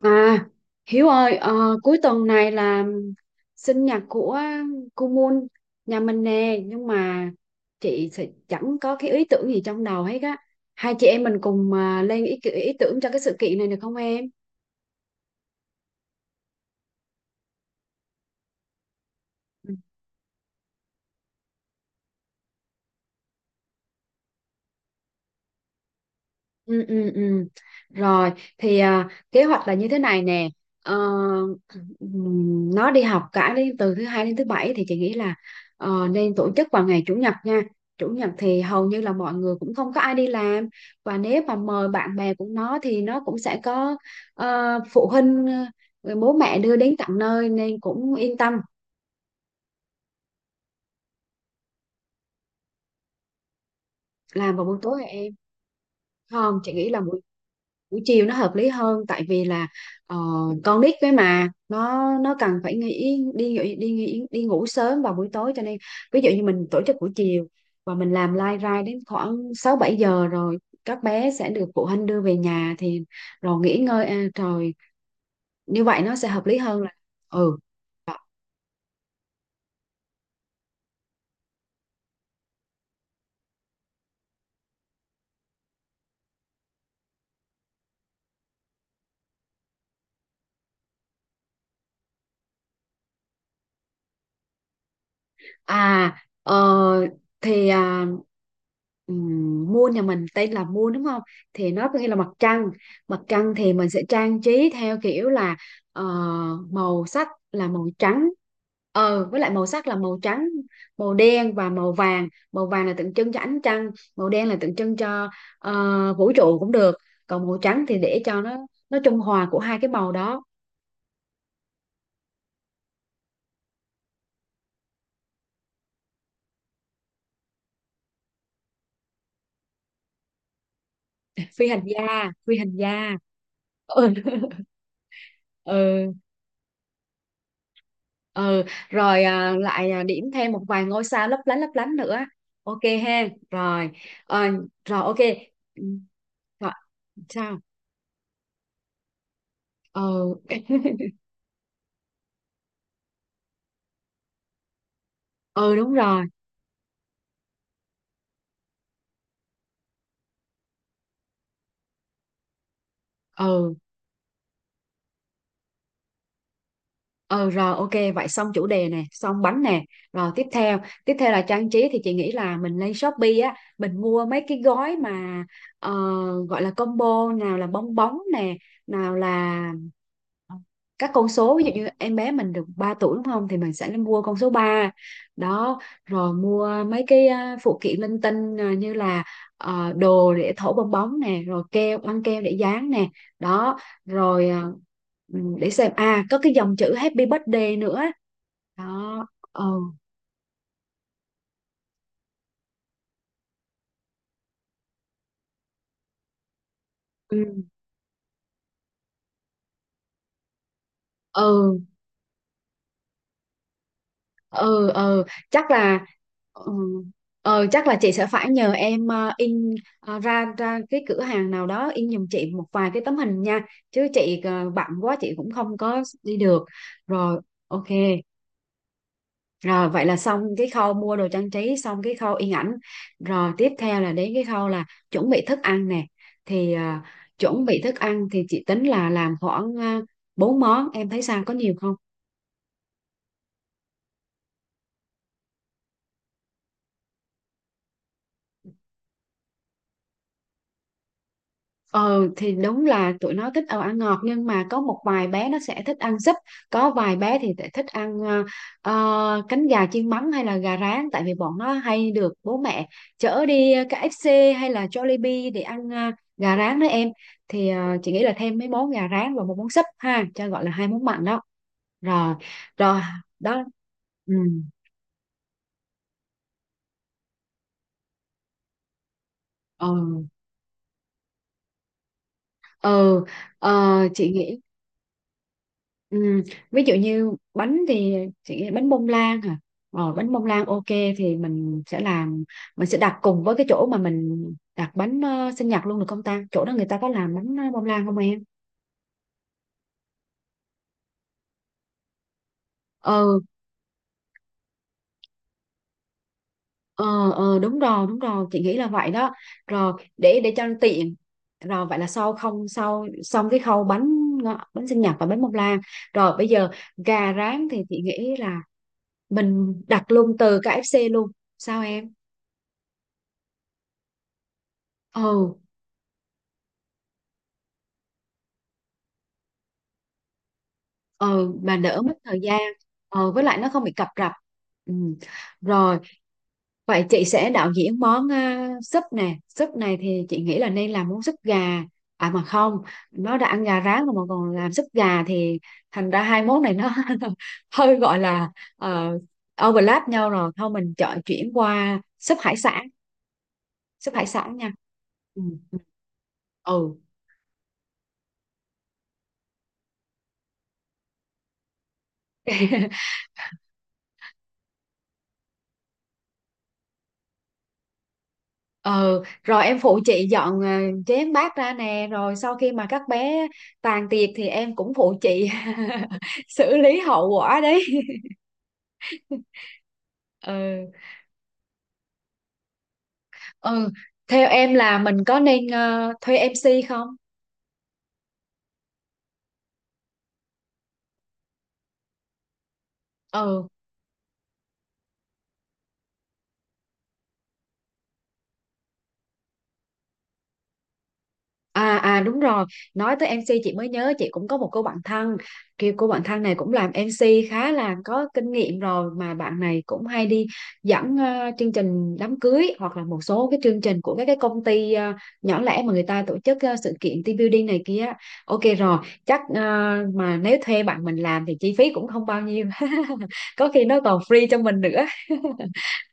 À, Hiếu ơi, cuối tuần này là sinh nhật của cô Moon nhà mình nè, nhưng mà chị sẽ chẳng có cái ý tưởng gì trong đầu hết á. Hai chị em mình cùng lên ý tưởng cho cái sự kiện này được không em? Ừ, ừ, ừ. Rồi thì kế hoạch là như thế này nè. Ờ, nó đi học cả đến từ thứ hai đến thứ bảy thì chị nghĩ là nên tổ chức vào ngày chủ nhật nha. Chủ nhật thì hầu như là mọi người cũng không có ai đi làm, và nếu mà mời bạn bè của nó thì nó cũng sẽ có phụ huynh, bố mẹ đưa đến tận nơi nên cũng yên tâm. Làm vào buổi tối hả em? Không, chị nghĩ là buổi buổi chiều nó hợp lý hơn, tại vì là ờ, con nít cái mà nó cần phải đi đi ngủ sớm vào buổi tối, cho nên ví dụ như mình tổ chức buổi chiều và mình làm live ra đến khoảng 6 7 giờ rồi các bé sẽ được phụ huynh đưa về nhà thì rồi nghỉ ngơi, rồi như vậy nó sẽ hợp lý hơn. Là ừ. à ờ, thì à, Moon nhà mình tên là Moon đúng không? Thì nó có nghĩa là mặt trăng. Mặt trăng thì mình sẽ trang trí theo kiểu là ờ, màu sắc là màu trắng. Với lại màu sắc là màu trắng, màu đen và màu vàng. Màu vàng là tượng trưng cho ánh trăng, màu đen là tượng trưng cho vũ trụ cũng được, còn màu trắng thì để cho nó trung hòa của hai cái màu đó. Phi hành gia, phi hành gia. Ừ. ừ ừ. Rồi điểm thêm một vài ngôi sao lấp lánh nữa. Ok ha. Rồi. Ờ, rồi ok. Ừ, rồi, sao? Ừ. Ừ, đúng rồi. Ừ. Ừ rồi ok, vậy xong chủ đề nè, xong bánh nè, rồi tiếp theo. Tiếp theo là trang trí thì chị nghĩ là mình lên Shopee á, mình mua mấy cái gói mà ờ, gọi là combo, nào là bong bóng nè, nào là các con số, ví dụ như em bé mình được 3 tuổi đúng không, thì mình sẽ nên mua con số 3 đó. Rồi mua mấy cái phụ kiện linh tinh, như là đồ để thổi bong bóng nè, rồi keo, băng keo để dán nè, đó. Rồi ừ, để xem, có cái dòng chữ Happy Birthday nữa, đó. Ừ. Ừ. Ừ. Ừ. Ừ. Chắc là ừ, chắc là chị sẽ phải nhờ em in ờ, ra ra cái cửa hàng nào đó in giùm chị một vài cái tấm hình nha, chứ chị bận quá chị cũng không có đi được. Rồi ok. Rồi vậy là xong cái khâu mua đồ trang trí, xong cái khâu in ảnh. Rồi tiếp theo là đến cái khâu là chuẩn bị thức ăn nè. Thì chuẩn bị thức ăn thì chị tính là làm khoảng uh, 4 món, em thấy sao, có nhiều không? Ừ thì đúng là tụi nó thích ăn ngọt, nhưng mà có một vài bé nó sẽ thích ăn súp, có vài bé thì lại thích ăn cánh gà chiên mắm hay là gà rán, tại vì bọn nó hay được bố mẹ chở đi KFC hay là Jollibee để ăn gà rán đó em. Thì chị nghĩ là thêm mấy món gà rán và một món súp ha, cho gọi là hai món mặn đó. Rồi. Rồi đó. Ừ. Ừ, ừ. Ờ, chị nghĩ. Ừ. Ví dụ như bánh thì chị nghĩ bánh bông lan hả? Ờ, bánh bông lan ok, thì mình sẽ làm, mình sẽ đặt cùng với cái chỗ mà mình đặt bánh sinh nhật luôn được không ta? Chỗ đó người ta có làm bánh bông lan không em? Ừ, ờ ờ đúng rồi, chị nghĩ là vậy đó. Rồi để cho nó tiện. Rồi vậy là sau không sau xong cái khâu bánh sinh nhật và bánh bông lan. Rồi bây giờ gà rán thì chị nghĩ là mình đặt luôn từ KFC luôn. Sao em? Ừ. Ờ mà đỡ mất thời gian, ờ với lại nó không bị cập rập. Ừ. Rồi vậy chị sẽ đạo diễn món súp nè. Súp này thì chị nghĩ là nên làm món súp gà. À mà không, nó đã ăn gà rán rồi mà còn làm súp gà thì thành ra hai món này nó hơi gọi là ờ, overlap nhau, rồi thôi mình chọn chuyển qua súp hải sản. Súp hải sản nha. Ừ. Ừ. Ừ. Ừ, rồi em phụ chị dọn chén bát ra nè, rồi sau khi mà các bé tàn tiệc thì em cũng phụ chị xử lý hậu quả đấy. Ừ, ừ, theo em là mình có nên thuê MC không? Ừ. À à đúng rồi, nói tới MC chị mới nhớ, chị cũng có một cô bạn thân, kiểu cô bạn thân này cũng làm MC khá là có kinh nghiệm rồi, mà bạn này cũng hay đi dẫn chương trình đám cưới hoặc là một số cái chương trình của các cái công ty nhỏ lẻ mà người ta tổ chức sự kiện team building này kia. Ok rồi, chắc mà nếu thuê bạn mình làm thì chi phí cũng không bao nhiêu. Có khi nó còn free cho mình nữa.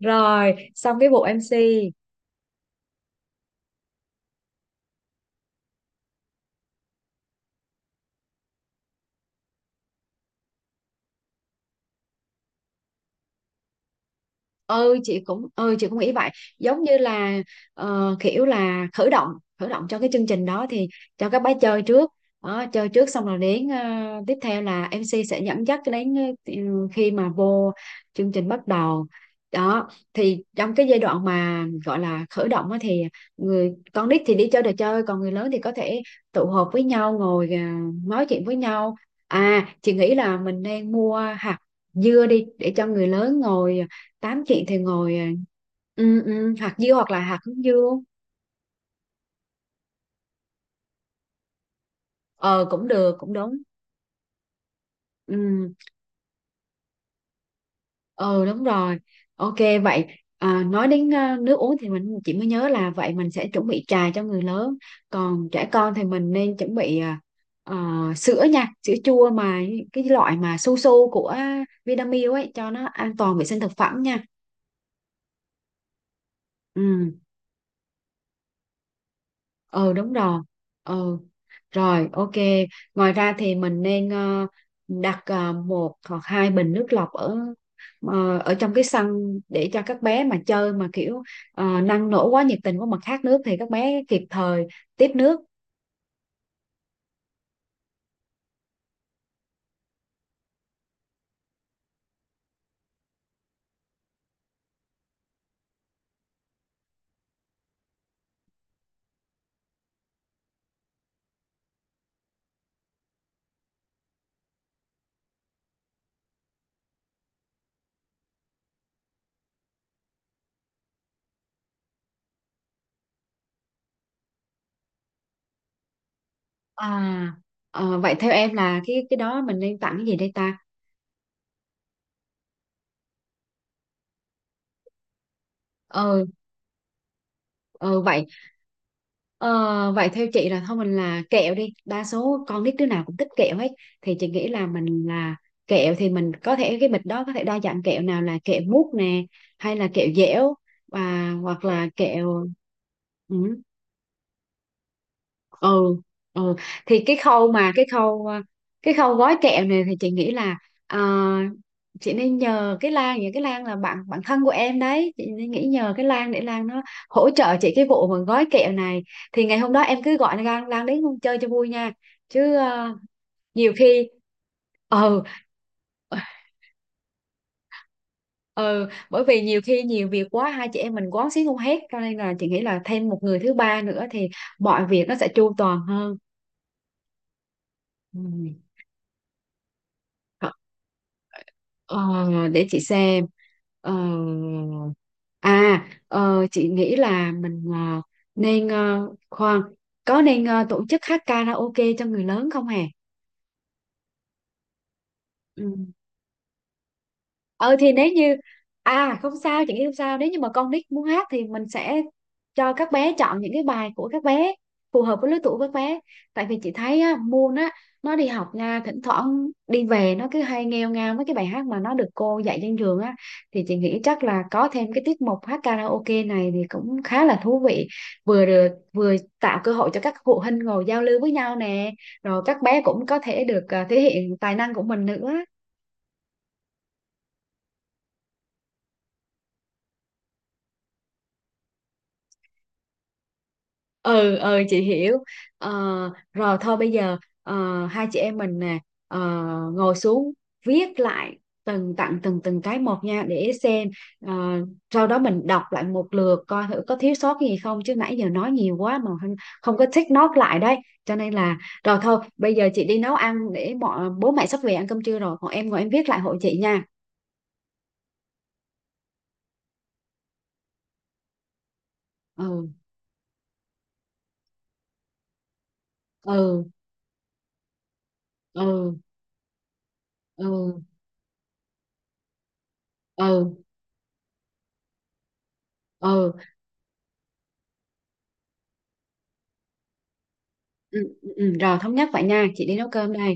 Rồi, xong cái bộ MC. Ừ chị cũng chị cũng nghĩ vậy, giống như là kiểu là khởi động cho cái chương trình đó, thì cho các bé chơi trước đó, chơi trước xong rồi đến tiếp theo là MC sẽ dẫn dắt đến ờ, khi mà vô chương trình bắt đầu đó, thì trong cái giai đoạn mà gọi là khởi động á thì người con nít thì đi chơi đồ chơi, còn người lớn thì có thể tụ họp với nhau ngồi nói chuyện với nhau. À chị nghĩ là mình nên mua hạt dưa đi để cho người lớn ngồi tám, chị thì ngồi ừ, ừ, hạt dưa hoặc là hạt hướng dương. Ờ cũng được, cũng đúng. Ừ, ờ đúng rồi. Ok vậy. Nói đến nước uống thì chị mới nhớ là vậy mình sẽ chuẩn bị trà cho người lớn, còn trẻ con thì mình nên chuẩn bị ờ, sữa nha, sữa chua mà cái loại mà su su của Vinamilk ấy, cho nó an toàn vệ sinh thực phẩm nha. Ừ. Ờ đúng rồi. Ờ. Rồi, ok. Ngoài ra thì mình nên đặt một hoặc hai bình nước lọc ở ở trong cái sân để cho các bé mà chơi mà kiểu năng nổ quá, nhiệt tình quá mà khát nước thì các bé kịp thời tiếp nước. À, vậy theo em là cái đó mình nên tặng cái gì đây ta? Ờ. Ờ vậy. Ờ, vậy theo chị là thôi mình là kẹo đi, đa số con nít đứa nào cũng thích kẹo hết, thì chị nghĩ là mình là kẹo, thì mình có thể cái bịch đó có thể đa dạng kẹo, nào là kẹo mút nè, hay là kẹo dẻo, và hoặc là kẹo. Ừ. Ừ. Ừ thì cái khâu cái khâu gói kẹo này thì chị nghĩ là à, chị nên nhờ cái Lan, cái Lan là bạn bạn thân của em đấy, chị nên nghĩ nhờ cái Lan để Lan nó hỗ trợ chị cái vụ mà gói kẹo này. Thì ngày hôm đó em cứ gọi Lan, Lan đến chơi cho vui nha, chứ nhiều khi ừ. Ừ, bởi vì nhiều khi nhiều việc quá, hai chị em mình quán xuyến không hết, cho nên là chị nghĩ là thêm một người thứ ba nữa thì mọi việc nó sẽ chu toàn hơn. Ừ. Ờ. Ờ, để chị xem. Ờ, chị nghĩ là mình nên khoan, có nên tổ chức hát karaoke cho người lớn không hè? Ừ. Ờ thì nếu như à không sao, chị nghĩ không sao, nếu như mà con nít muốn hát thì mình sẽ cho các bé chọn những cái bài của các bé phù hợp với lứa tuổi của các bé. Tại vì chị thấy á, Moon á nó đi học nha, thỉnh thoảng đi về nó cứ hay nghêu ngao mấy cái bài hát mà nó được cô dạy trên trường á. Thì chị nghĩ chắc là có thêm cái tiết mục hát karaoke này thì cũng khá là thú vị, vừa được vừa tạo cơ hội cho các phụ huynh ngồi giao lưu với nhau nè, rồi các bé cũng có thể được thể hiện tài năng của mình nữa. Ừ ừ chị hiểu. Ờ, rồi thôi bây giờ hai chị em mình nè ờ, ngồi xuống viết lại từng từng cái một nha để xem. Ờ, sau đó mình đọc lại một lượt coi thử có thiếu sót gì không, chứ nãy giờ nói nhiều quá mà không có take note lại đấy cho nên là. Rồi thôi bây giờ chị đi nấu ăn để bọn bố mẹ sắp về ăn cơm trưa rồi, còn em ngồi em viết lại hộ chị nha. Ừ. Ừ. Ừ. Ừ. Ừ. Ừ. Ừ, ừ. Ừ, ừ, rồi thống nhất vậy nha, chị đi nấu cơm đây.